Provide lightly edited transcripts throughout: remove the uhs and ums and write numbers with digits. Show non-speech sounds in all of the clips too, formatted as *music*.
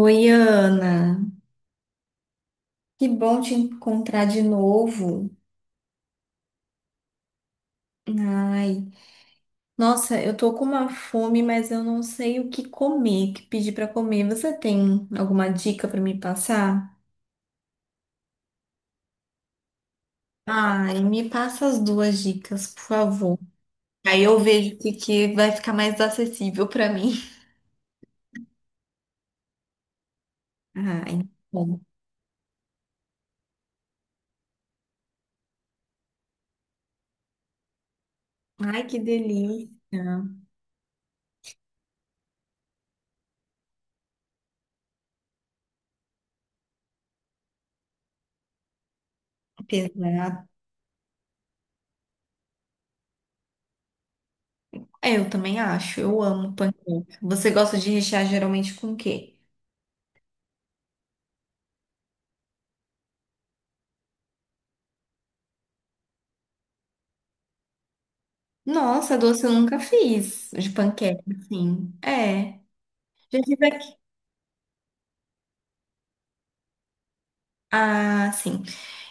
Oi, Ana. Que bom te encontrar de novo. Ai, nossa, eu tô com uma fome, mas eu não sei o que comer, o que pedir pra comer. Você tem alguma dica pra me passar? Ai, me passa as duas dicas, por favor. Aí eu vejo o que que vai ficar mais acessível pra mim. Ai, bom. Ai, que delícia. Pesado. É, eu também acho. Eu amo panqueca. Você gosta de rechear geralmente com o quê? Nossa, doce eu nunca fiz de panqueca, assim. É. Já tive aqui. Ah, sim.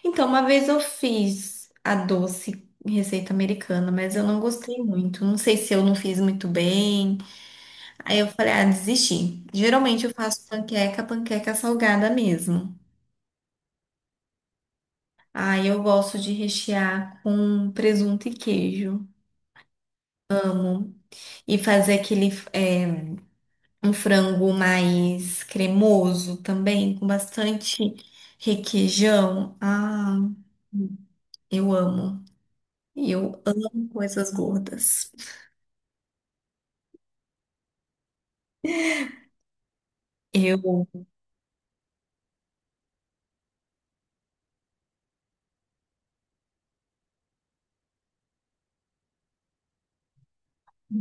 Então, uma vez eu fiz a doce em receita americana, mas eu não gostei muito. Não sei se eu não fiz muito bem. Aí eu falei, ah, desisti. Geralmente eu faço panqueca, panqueca salgada mesmo. Aí eu gosto de rechear com presunto e queijo. E fazer aquele, é, um frango mais cremoso também, com bastante requeijão. Ah, eu amo. Eu amo coisas gordas. Eu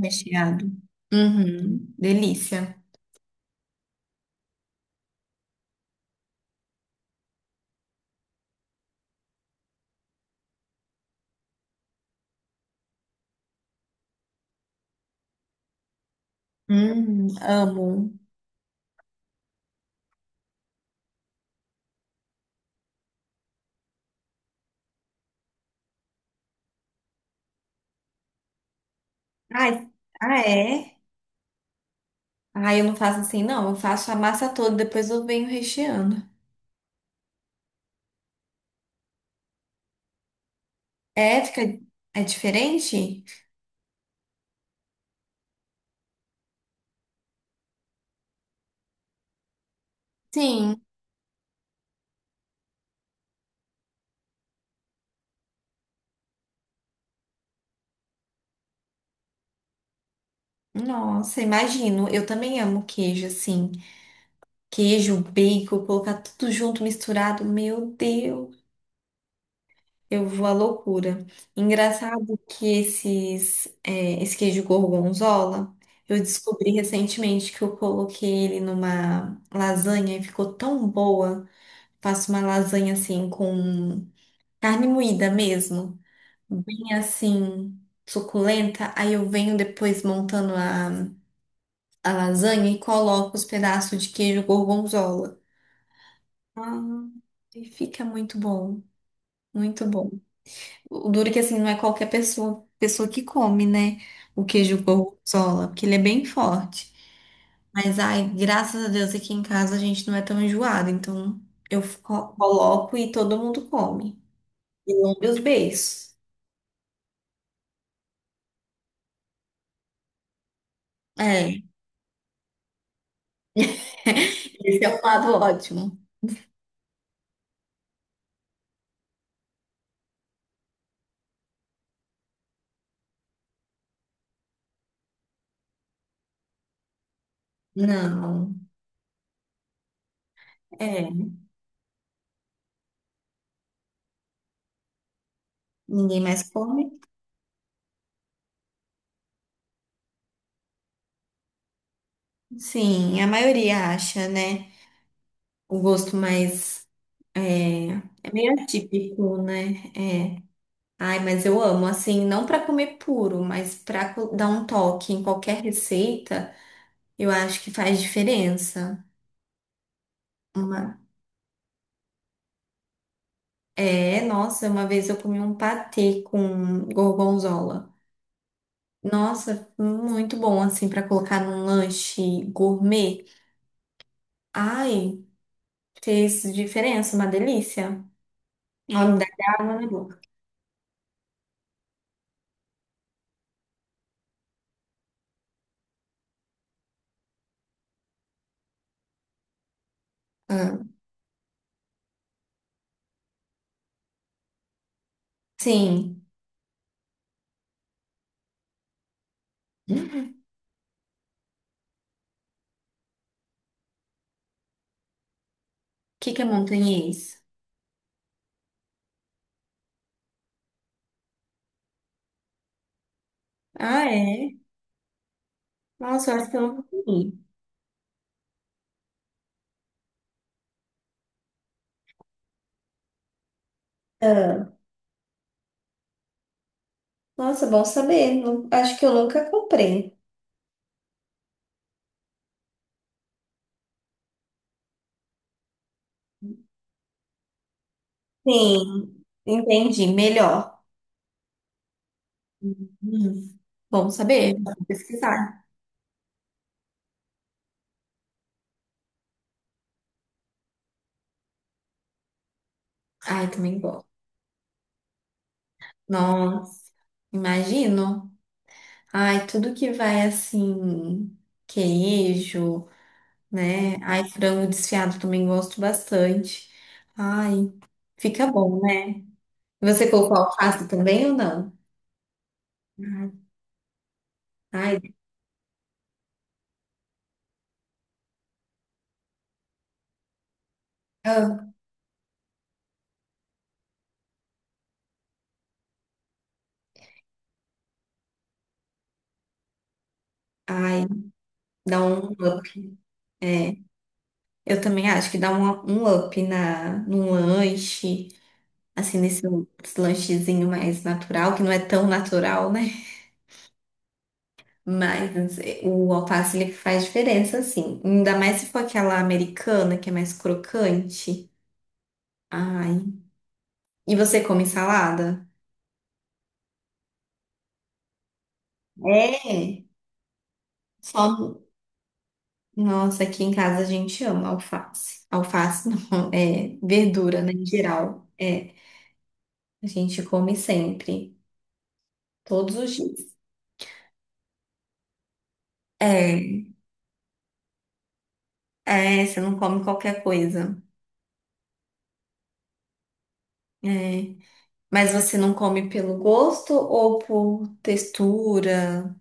recheado. Uhum, delícia. Amo. Ai, ah, é? Ah, eu não faço assim, não. Eu faço a massa toda, depois eu venho recheando. É, fica, é diferente? Sim. Nossa, imagino. Eu também amo queijo, assim. Queijo, bacon, colocar tudo junto, misturado. Meu Deus, eu vou à loucura. Engraçado que esse queijo gorgonzola, eu descobri recentemente que eu coloquei ele numa lasanha e ficou tão boa. Faço uma lasanha assim com carne moída mesmo, bem assim suculenta. Aí eu venho depois montando a lasanha e coloco os pedaços de queijo gorgonzola. Ah, e fica muito bom, muito bom. O duro é que assim não é qualquer pessoa, pessoa que come, né? O queijo gorgonzola, porque ele é bem forte. Mas ai, graças a Deus aqui em casa a gente não é tão enjoado, então eu coloco e todo mundo come. E lambe os beiços. É, *laughs* esse é um lado ótimo. Não, é, ninguém mais come. Sim, a maioria acha, né? O gosto mais É, é meio atípico, né? É. Ai, mas eu amo, assim, não para comer puro, mas para dar um toque em qualquer receita, eu acho que faz diferença. Uma... É, nossa, uma vez eu comi um patê com gorgonzola. Nossa, muito bom, assim, para colocar num lanche gourmet. Ai, fez diferença, uma delícia. Olha, dá água na boca. Ah, sim. O que que é montanhês? Ah, é? Nossa, eu acho que eu nunca comi. Ah, nossa, bom saber. Acho que eu nunca comprei. Sim, entendi. Melhor. Hum, Bom saber. Vou pesquisar. Ai, também gosto. Nossa, imagino. Ai, tudo que vai assim, queijo, né? Ai, frango desfiado também gosto bastante. Ai, fica bom, né? Você colocou alface também ou não? Ai, ai, ah, ai, dá um up. É. Eu também acho que dá um up num lanche, assim, nesse lanchezinho mais natural, que não é tão natural, né? Mas o alface, ele faz diferença, assim. Ainda mais se for aquela americana, que é mais crocante. Ai. E você come salada? É. Só... Nossa, aqui em casa a gente ama alface. Alface *laughs* não, é verdura, né, em geral. É, a gente come sempre, todos os dias. É. É, você não come qualquer coisa. É. Mas você não come pelo gosto ou por textura?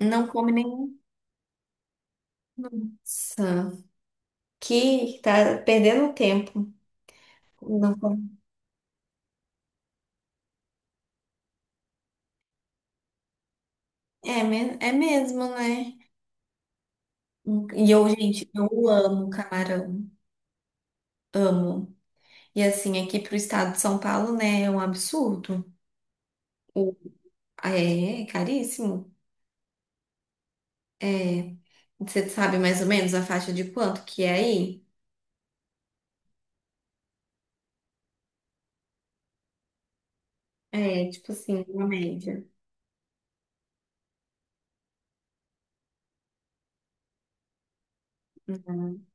Não come nenhum. Nossa, que tá perdendo tempo. Não come. É, é mesmo, né? E eu, gente, eu amo camarão. Amo. E assim, aqui pro estado de São Paulo, né, é um absurdo. O- É, é caríssimo. É. Você sabe mais ou menos a faixa de quanto que é aí? É, tipo assim, uma média. Uhum.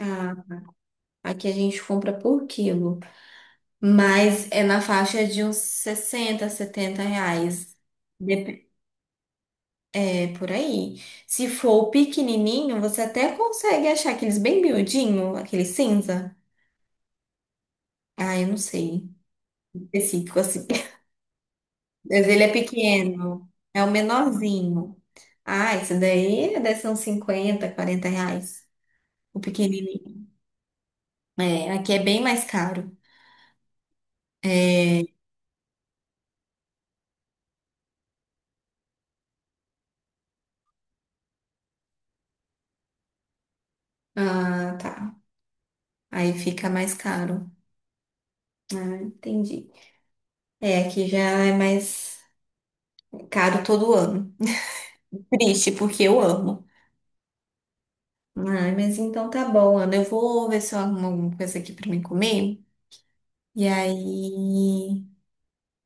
Ah, aqui a gente compra por quilo, mas é na faixa de uns 60, 70 reais. Dep- É por aí. Se for o pequenininho, você até consegue achar aqueles bem miudinho, aquele cinza. Ah, eu não sei. Específico assim. *laughs* Mas ele é pequeno, é o menorzinho. Ah, esse daí deve ser uns 50, 40 reais. O pequenininho. É, aqui é bem mais caro. Ah, tá. Aí fica mais caro. Ah, entendi. É, aqui já é mais caro todo ano. Triste, porque eu amo. Ai, mas então tá bom, Ana. Eu vou ver se eu arrumo alguma coisa aqui pra mim comer. E aí,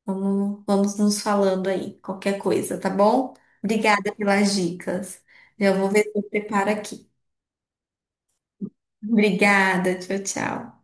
vamos nos falando aí, qualquer coisa, tá bom? Obrigada pelas dicas. Já vou ver se eu preparo aqui. Obrigada, tchau, tchau.